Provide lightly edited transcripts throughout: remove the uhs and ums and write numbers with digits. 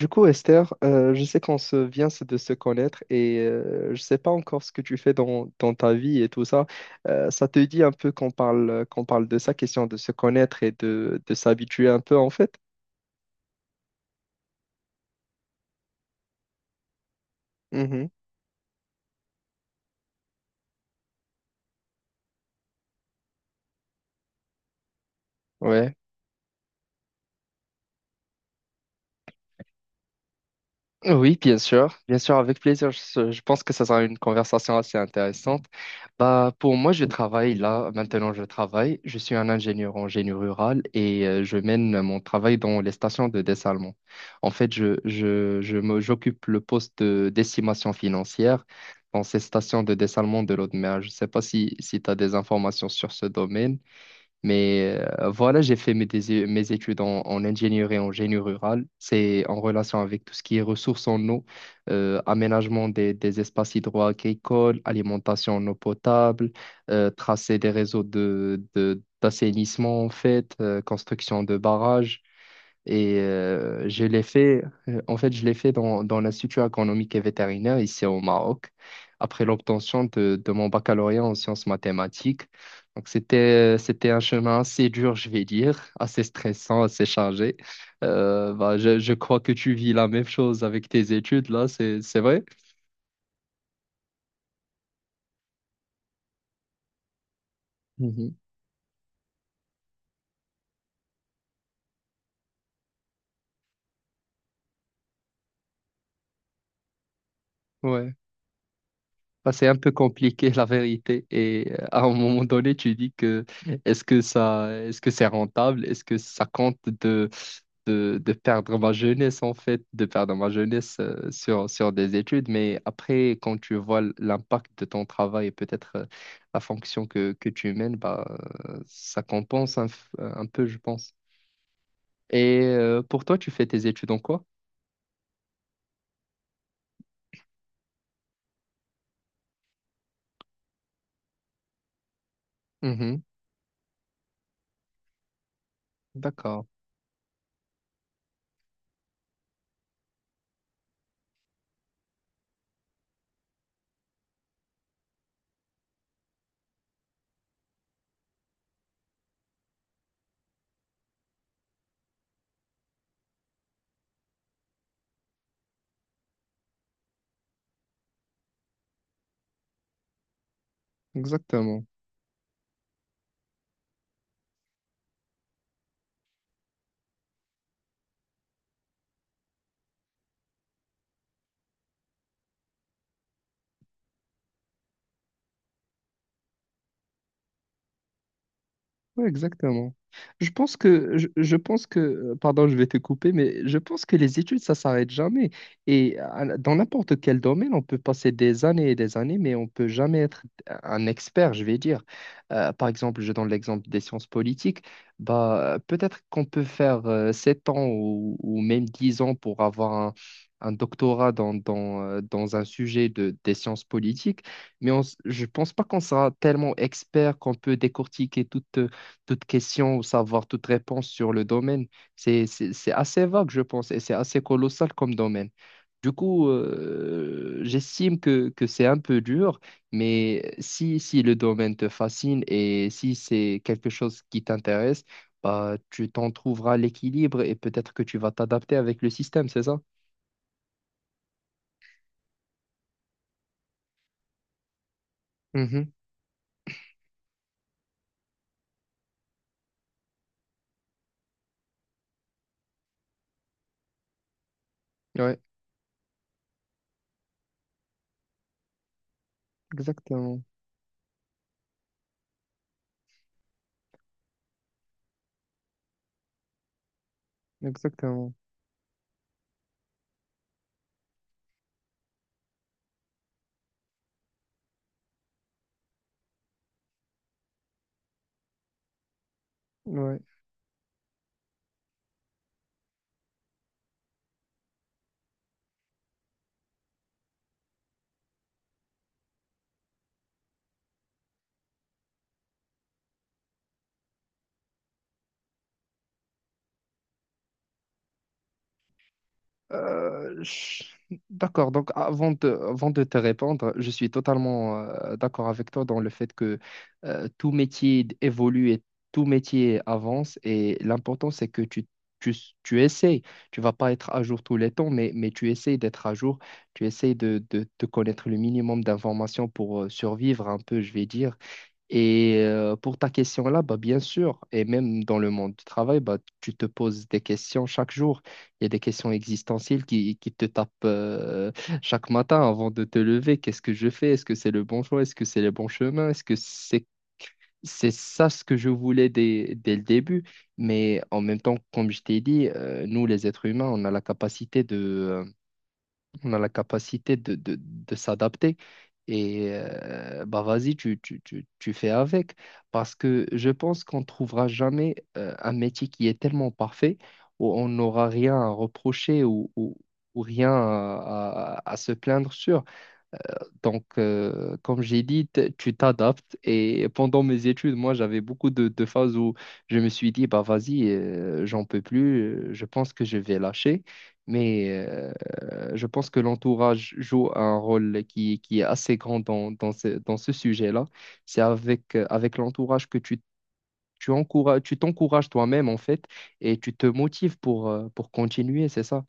Du coup, Esther, je sais qu'on se vient se- de se connaître et je ne sais pas encore ce que tu fais dans ta vie et tout ça. Ça te dit un peu qu'on parle de ça, question de se connaître et de s'habituer un peu en fait? Mhm. Ouais. Oui, bien sûr, avec plaisir. Je pense que ça sera une conversation assez intéressante. Bah, pour moi, je travaille là, maintenant je travaille. Je suis un ingénieur en génie rural et je mène mon travail dans les stations de dessalement. En fait, j'occupe le poste d'estimation financière dans ces stations de dessalement de l'eau de mer. Je ne sais pas si tu as des informations sur ce domaine. Mais voilà, j'ai fait mes études en ingénierie en génie rural. C'est en relation avec tout ce qui est ressources en eau, aménagement des espaces hydro-agricoles, alimentation en eau potable, tracer des réseaux d'assainissement en fait, construction de barrages. Et je l'ai fait, en fait, je l'ai fait dans l'Institut agronomique et vétérinaire ici au Maroc, après l'obtention de mon baccalauréat en sciences mathématiques. Donc, c'était un chemin assez dur, je vais dire, assez stressant, assez chargé. Je crois que tu vis la même chose avec tes études, là, c'est vrai? Mhm. Ouais. Bah, c'est un peu compliqué, la vérité. Et à un moment donné, tu dis que est-ce que c'est rentable? Est-ce que ça compte de de perdre ma jeunesse, en fait, de perdre ma jeunesse sur des études. Mais après, quand tu vois l'impact de ton travail et peut-être la fonction que tu mènes, bah, ça compense un peu, je pense. Et pour toi, tu fais tes études en quoi? Mhm. D'accord, exactement. Ouais, exactement. Je pense que, je pense que, pardon, je vais te couper, mais je pense que les études, ça s'arrête jamais. Et dans n'importe quel domaine, on peut passer des années et des années, mais on peut jamais être un expert, je vais dire. Par exemple, je donne l'exemple des sciences politiques. Bah, peut-être qu'on peut faire 7 ans ou même 10 ans pour avoir un doctorat dans un sujet de des sciences politiques, mais je pense pas qu'on sera tellement expert qu'on peut décortiquer toute question ou savoir toute réponse sur le domaine. C'est assez vague, je pense, et c'est assez colossal comme domaine. Du coup, j'estime que c'est un peu dur, mais si le domaine te fascine et si c'est quelque chose qui t'intéresse, bah, tu t'en trouveras l'équilibre et peut-être que tu vas t'adapter avec le système, c'est ça? Mhm. Ouais, exactement, exactement. Ouais. Euh, je- D'accord, donc avant de te répondre, je suis totalement d'accord avec toi dans le fait que tout métier évolue et tout métier avance et l'important c'est que tu essayes, tu vas pas être à jour tous les temps, mais tu essayes d'être à jour, tu essayes de connaître le minimum d'informations pour survivre un peu, je vais dire. Et pour ta question là, bah, bien sûr, et même dans le monde du travail, bah, tu te poses des questions chaque jour. Il y a des questions existentielles qui te tapent chaque matin avant de te lever. Qu'est-ce que je fais? Est-ce que c'est le bon choix? Est-ce que c'est le bon chemin? Est-ce que C'est ça ce que je voulais dès le début? Mais en même temps, comme je t'ai dit, nous, les êtres humains, on a la capacité euh, on a la capacité de s'adapter. Et bah vas-y, tu fais avec. Parce que je pense qu'on ne trouvera jamais un métier qui est tellement parfait où on n'aura rien à reprocher ou rien à se plaindre sur. Donc, comme j'ai dit, tu t'adaptes. Et pendant mes études, moi, j'avais beaucoup de phases où je me suis dit, bah vas-y, j'en peux plus, je pense que je vais lâcher. Mais je pense que l'entourage joue un rôle qui est assez grand dans ce sujet-là. C'est avec, avec l'entourage que tu t'encourages toi-même, en fait, et tu te motives pour continuer, c'est ça?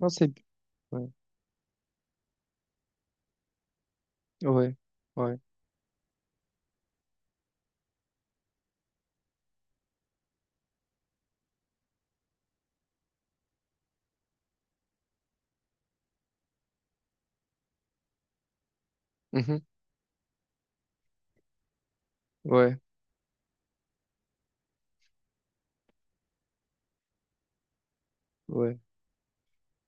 Non, c'est... Ouais, ouais, ouais. Mhm, ouais, ouais.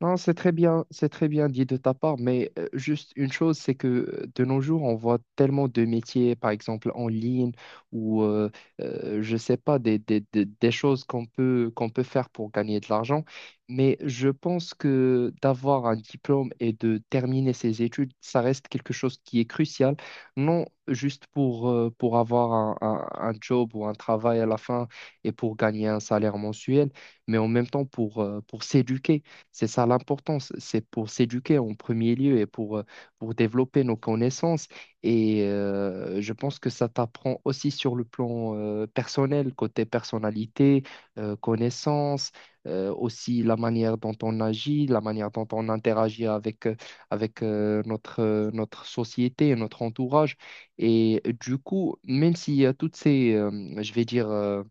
Non, c'est très bien dit de ta part, mais juste une chose, c'est que de nos jours, on voit tellement de métiers, par exemple en ligne, ou je sais pas, des choses qu'on peut faire pour gagner de l'argent. Mais je pense que d'avoir un diplôme et de terminer ses études, ça reste quelque chose qui est crucial, non juste pour avoir un job ou un travail à la fin et pour gagner un salaire mensuel, mais en même temps pour s'éduquer. C'est ça l'importance, c'est pour s'éduquer en premier lieu et pour développer nos connaissances. Et je pense que ça t'apprend aussi sur le plan personnel, côté personnalité, connaissances, aussi la manière dont on agit, la manière dont on interagit avec, notre société et notre entourage. Et du coup, même s'il y a toutes je vais dire,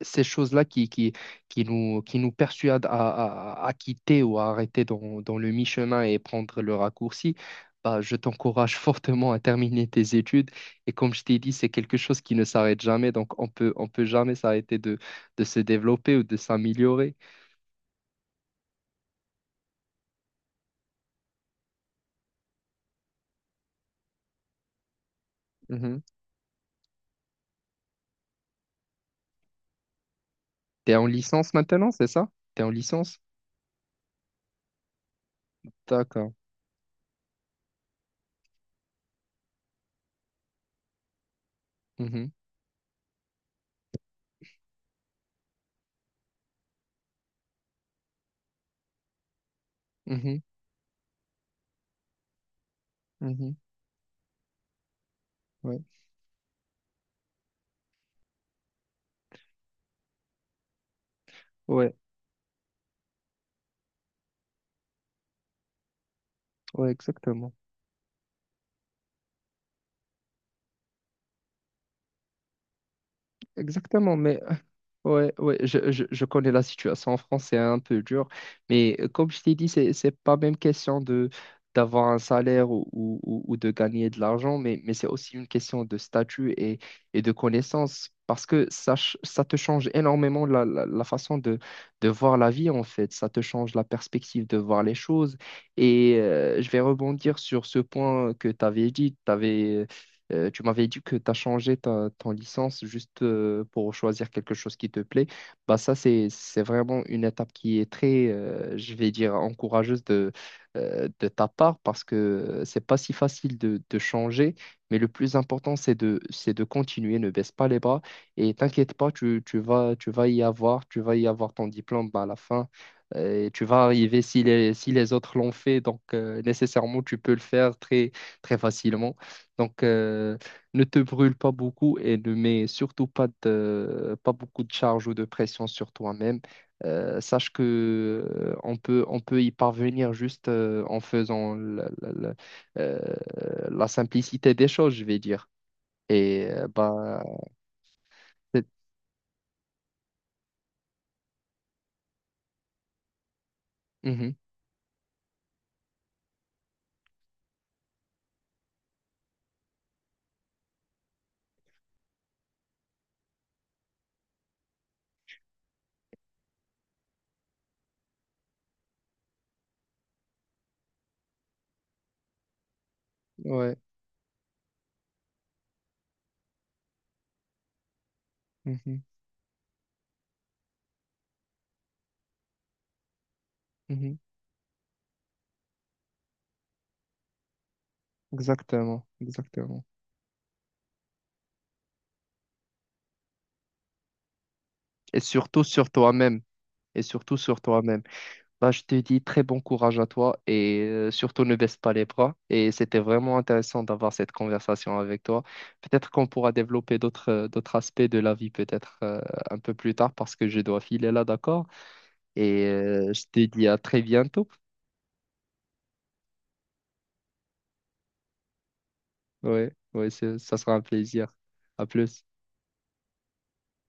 ces choses-là qui nous persuadent à quitter ou à arrêter dans le mi-chemin et prendre le raccourci, bah, je t'encourage fortement à terminer tes études. Et comme je t'ai dit, c'est quelque chose qui ne s'arrête jamais, donc on peut jamais s'arrêter de se développer ou de s'améliorer. Mhm. T'es en licence maintenant, c'est ça? T'es en licence? D'accord. Mhm. Mhm. Mhm. Ouais. Ouais. Ouais, exactement. Exactement, mais Ouais, ouais, je connais la situation en France, c'est un peu dur, mais comme je t'ai dit, c'est pas même question de d'avoir un salaire ou de gagner de l'argent, mais c'est aussi une question de statut et de connaissance, parce que ça te change énormément la façon de voir la vie, en fait, ça te change la perspective de voir les choses, et je vais rebondir sur ce point que tu avais dit, tu m'avais dit que tu as changé ton licence juste pour choisir quelque chose qui te plaît. Bah ça, c'est vraiment une étape qui est très, je vais dire, encourageuse de ta part parce que c'est pas si facile de changer. Mais le plus important, c'est de continuer. Ne baisse pas les bras et t'inquiète pas, tu vas y avoir, tu vas y avoir ton diplôme à la fin. Et tu vas arriver si les, si les autres l'ont fait, donc nécessairement tu peux le faire très, très facilement. Donc, ne te brûle pas beaucoup et ne mets surtout pas de, pas beaucoup de charge ou de pression sur toi-même. Sache que on peut y parvenir juste en faisant euh, la simplicité des choses, je vais dire. Et bah, c'est- Mhm. ouais, Mhm. Mhm. Exactement, exactement. Et surtout sur toi-même. Et surtout sur toi-même. Bah, je te dis très bon courage à toi et surtout ne baisse pas les bras. Et c'était vraiment intéressant d'avoir cette conversation avec toi. Peut-être qu'on pourra développer d'autres d'autres aspects de la vie peut-être un peu plus tard parce que je dois filer là, d'accord? Et je te dis à très bientôt. Ouais, ouais, c'est- ça sera un plaisir. À plus.